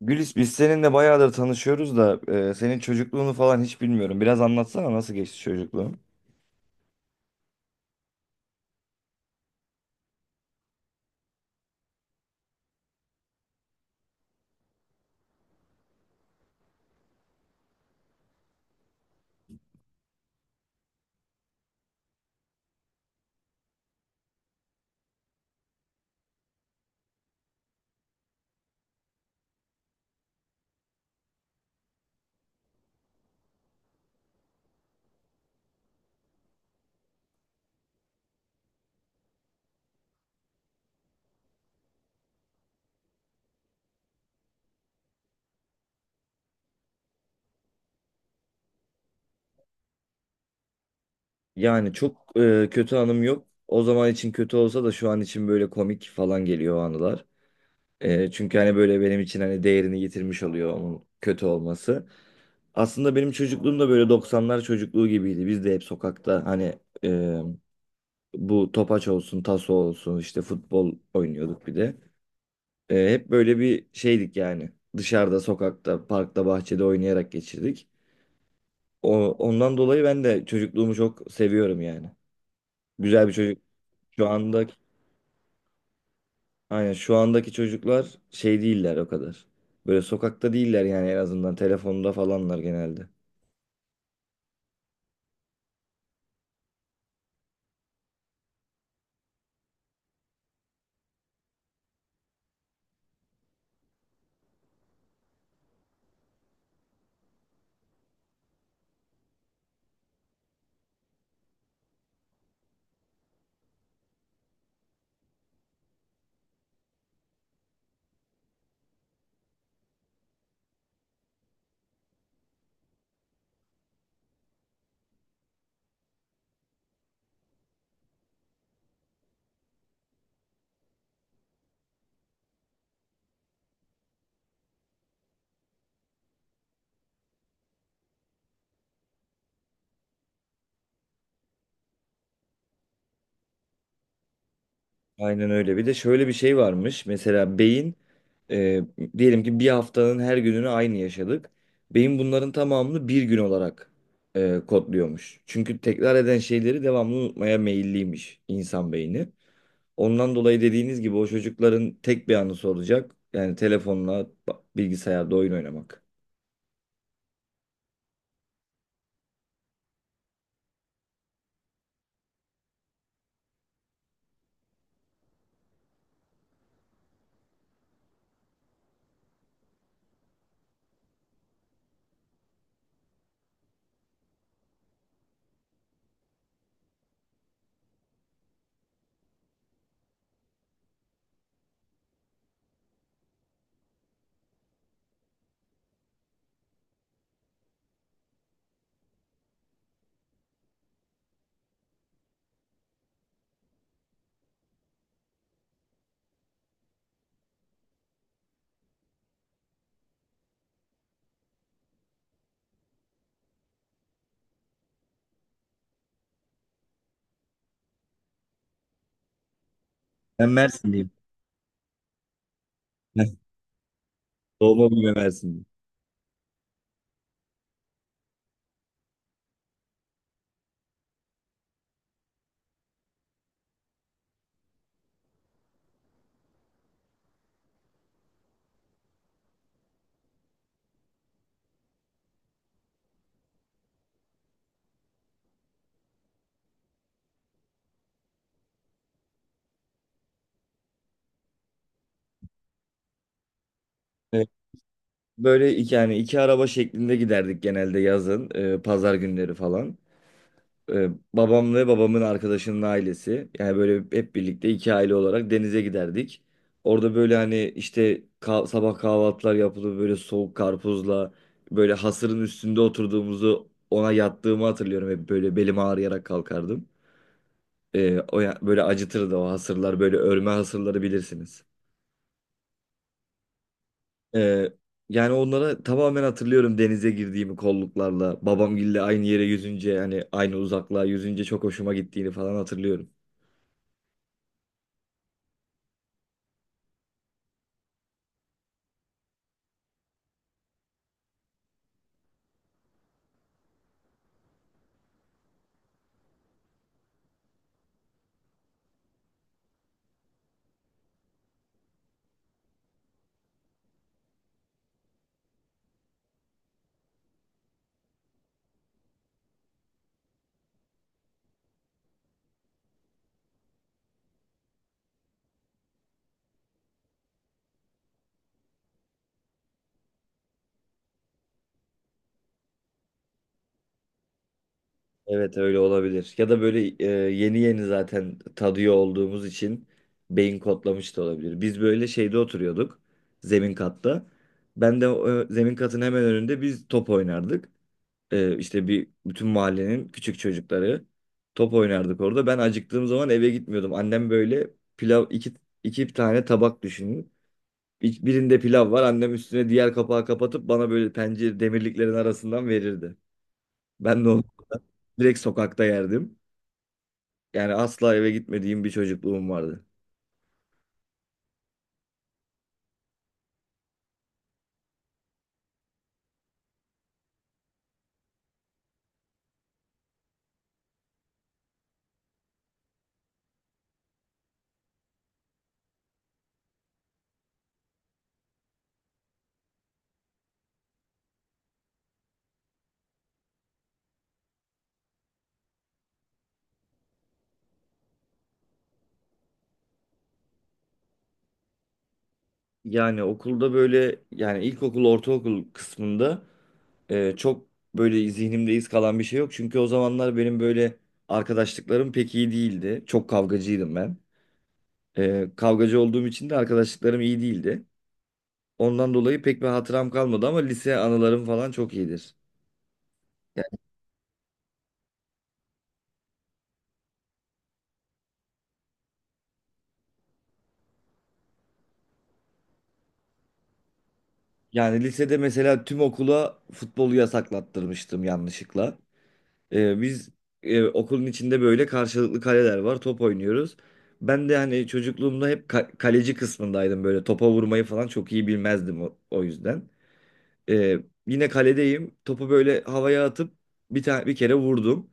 Gülis biz seninle bayağıdır tanışıyoruz da senin çocukluğunu falan hiç bilmiyorum. Biraz anlatsana nasıl geçti çocukluğun? Yani çok kötü anım yok. O zaman için kötü olsa da şu an için böyle komik falan geliyor o anılar. Çünkü hani böyle benim için hani değerini yitirmiş oluyor onun kötü olması. Aslında benim çocukluğum da böyle 90'lar çocukluğu gibiydi. Biz de hep sokakta hani bu topaç olsun, taso olsun işte futbol oynuyorduk bir de. Hep böyle bir şeydik yani. Dışarıda, sokakta, parkta, bahçede oynayarak geçirdik. Ondan dolayı ben de çocukluğumu çok seviyorum yani. Güzel bir çocuk. Şu andaki, aynen şu andaki çocuklar şey değiller o kadar. Böyle sokakta değiller yani en azından telefonda falanlar genelde. Aynen öyle. Bir de şöyle bir şey varmış. Mesela beyin, E, diyelim ki bir haftanın her gününü aynı yaşadık. Beyin bunların tamamını bir gün olarak kodluyormuş. Çünkü tekrar eden şeyleri devamlı unutmaya meyilliymiş insan beyni. Ondan dolayı dediğiniz gibi o çocukların tek bir anı soracak. Yani telefonla bilgisayarda oyun oynamak. Ben Mersinliyim. Heh, doğma büyüme Mersinliyim. Evet, böyle yani iki araba şeklinde giderdik genelde yazın, pazar günleri falan. Ee, babam ve babamın arkadaşının ailesi. Yani böyle hep birlikte iki aile olarak denize giderdik. Orada böyle hani işte sabah kahvaltılar yapılır böyle soğuk karpuzla böyle hasırın üstünde oturduğumuzu ona yattığımı hatırlıyorum. Hep böyle belim ağrıyarak kalkardım. O böyle acıtırdı o hasırlar böyle örme hasırları bilirsiniz. Ee, yani onlara tamamen hatırlıyorum denize girdiğimi kolluklarla babamgille aynı yere yüzünce yani aynı uzaklığa yüzünce çok hoşuma gittiğini falan hatırlıyorum. Evet, öyle olabilir. Ya da böyle yeni yeni zaten tadıyor olduğumuz için beyin kodlamış da olabilir. Biz böyle şeyde oturuyorduk. Zemin katta. Ben de zemin katın hemen önünde biz top oynardık. E, işte bir bütün mahallenin küçük çocukları top oynardık orada. Ben acıktığım zaman eve gitmiyordum. Annem böyle pilav iki tane tabak düşünün. Birinde pilav var. Annem üstüne diğer kapağı kapatıp bana böyle pencere demirliklerin arasından verirdi. Ben de onu direkt sokakta yerdim. Yani asla eve gitmediğim bir çocukluğum vardı. Yani okulda böyle yani ilkokul, ortaokul kısmında çok böyle zihnimde iz kalan bir şey yok. Çünkü o zamanlar benim böyle arkadaşlıklarım pek iyi değildi. Çok kavgacıydım ben. Kavgacı olduğum için de arkadaşlıklarım iyi değildi. Ondan dolayı pek bir hatıram kalmadı ama lise anılarım falan çok iyidir. Yani lisede mesela tüm okula futbolu yasaklattırmıştım yanlışlıkla. Biz okulun içinde böyle karşılıklı kaleler var. Top oynuyoruz. Ben de hani çocukluğumda hep kaleci kısmındaydım böyle. Topa vurmayı falan çok iyi bilmezdim o yüzden. Ee, yine kaledeyim. Topu böyle havaya atıp bir tane bir kere vurdum.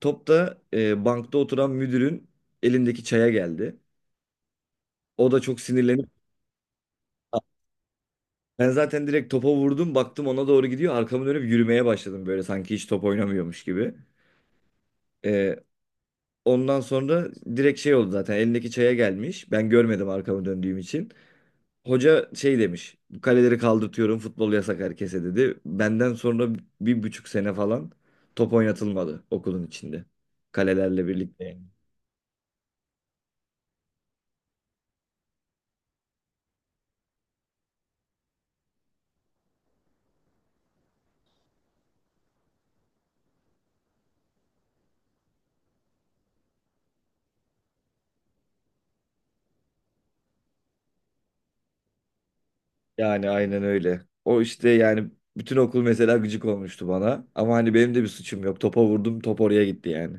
Top da bankta oturan müdürün elindeki çaya geldi. O da çok sinirlenip, ben zaten direkt topa vurdum. Baktım ona doğru gidiyor. Arkamı dönüp yürümeye başladım böyle sanki hiç top oynamıyormuş gibi. Ee, Ondan sonra direkt şey oldu, zaten elindeki çaya gelmiş. Ben görmedim arkamı döndüğüm için. Hoca şey demiş. Kaleleri kaldırtıyorum, futbol yasak herkese, dedi. Benden sonra 1,5 sene falan top oynatılmadı okulun içinde. Kalelerle birlikte. Yani. Yani aynen öyle. O işte yani bütün okul mesela gıcık olmuştu bana. Ama hani benim de bir suçum yok. Topa vurdum, top oraya gitti yani.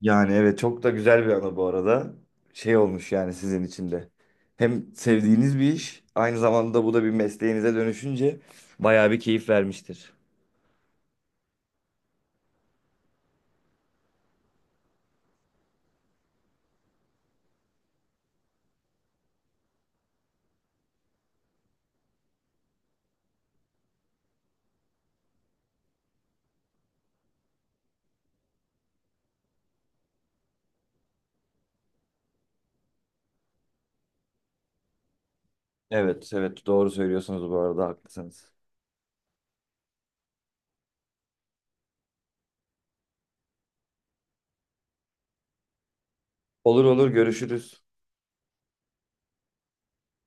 Yani evet, çok da güzel bir ana bu arada. Şey olmuş yani sizin için de. Hem sevdiğiniz bir iş, aynı zamanda bu da bir mesleğinize dönüşünce bayağı bir keyif vermiştir. Evet, evet, doğru söylüyorsunuz bu arada, haklısınız. Olur, olur, görüşürüz.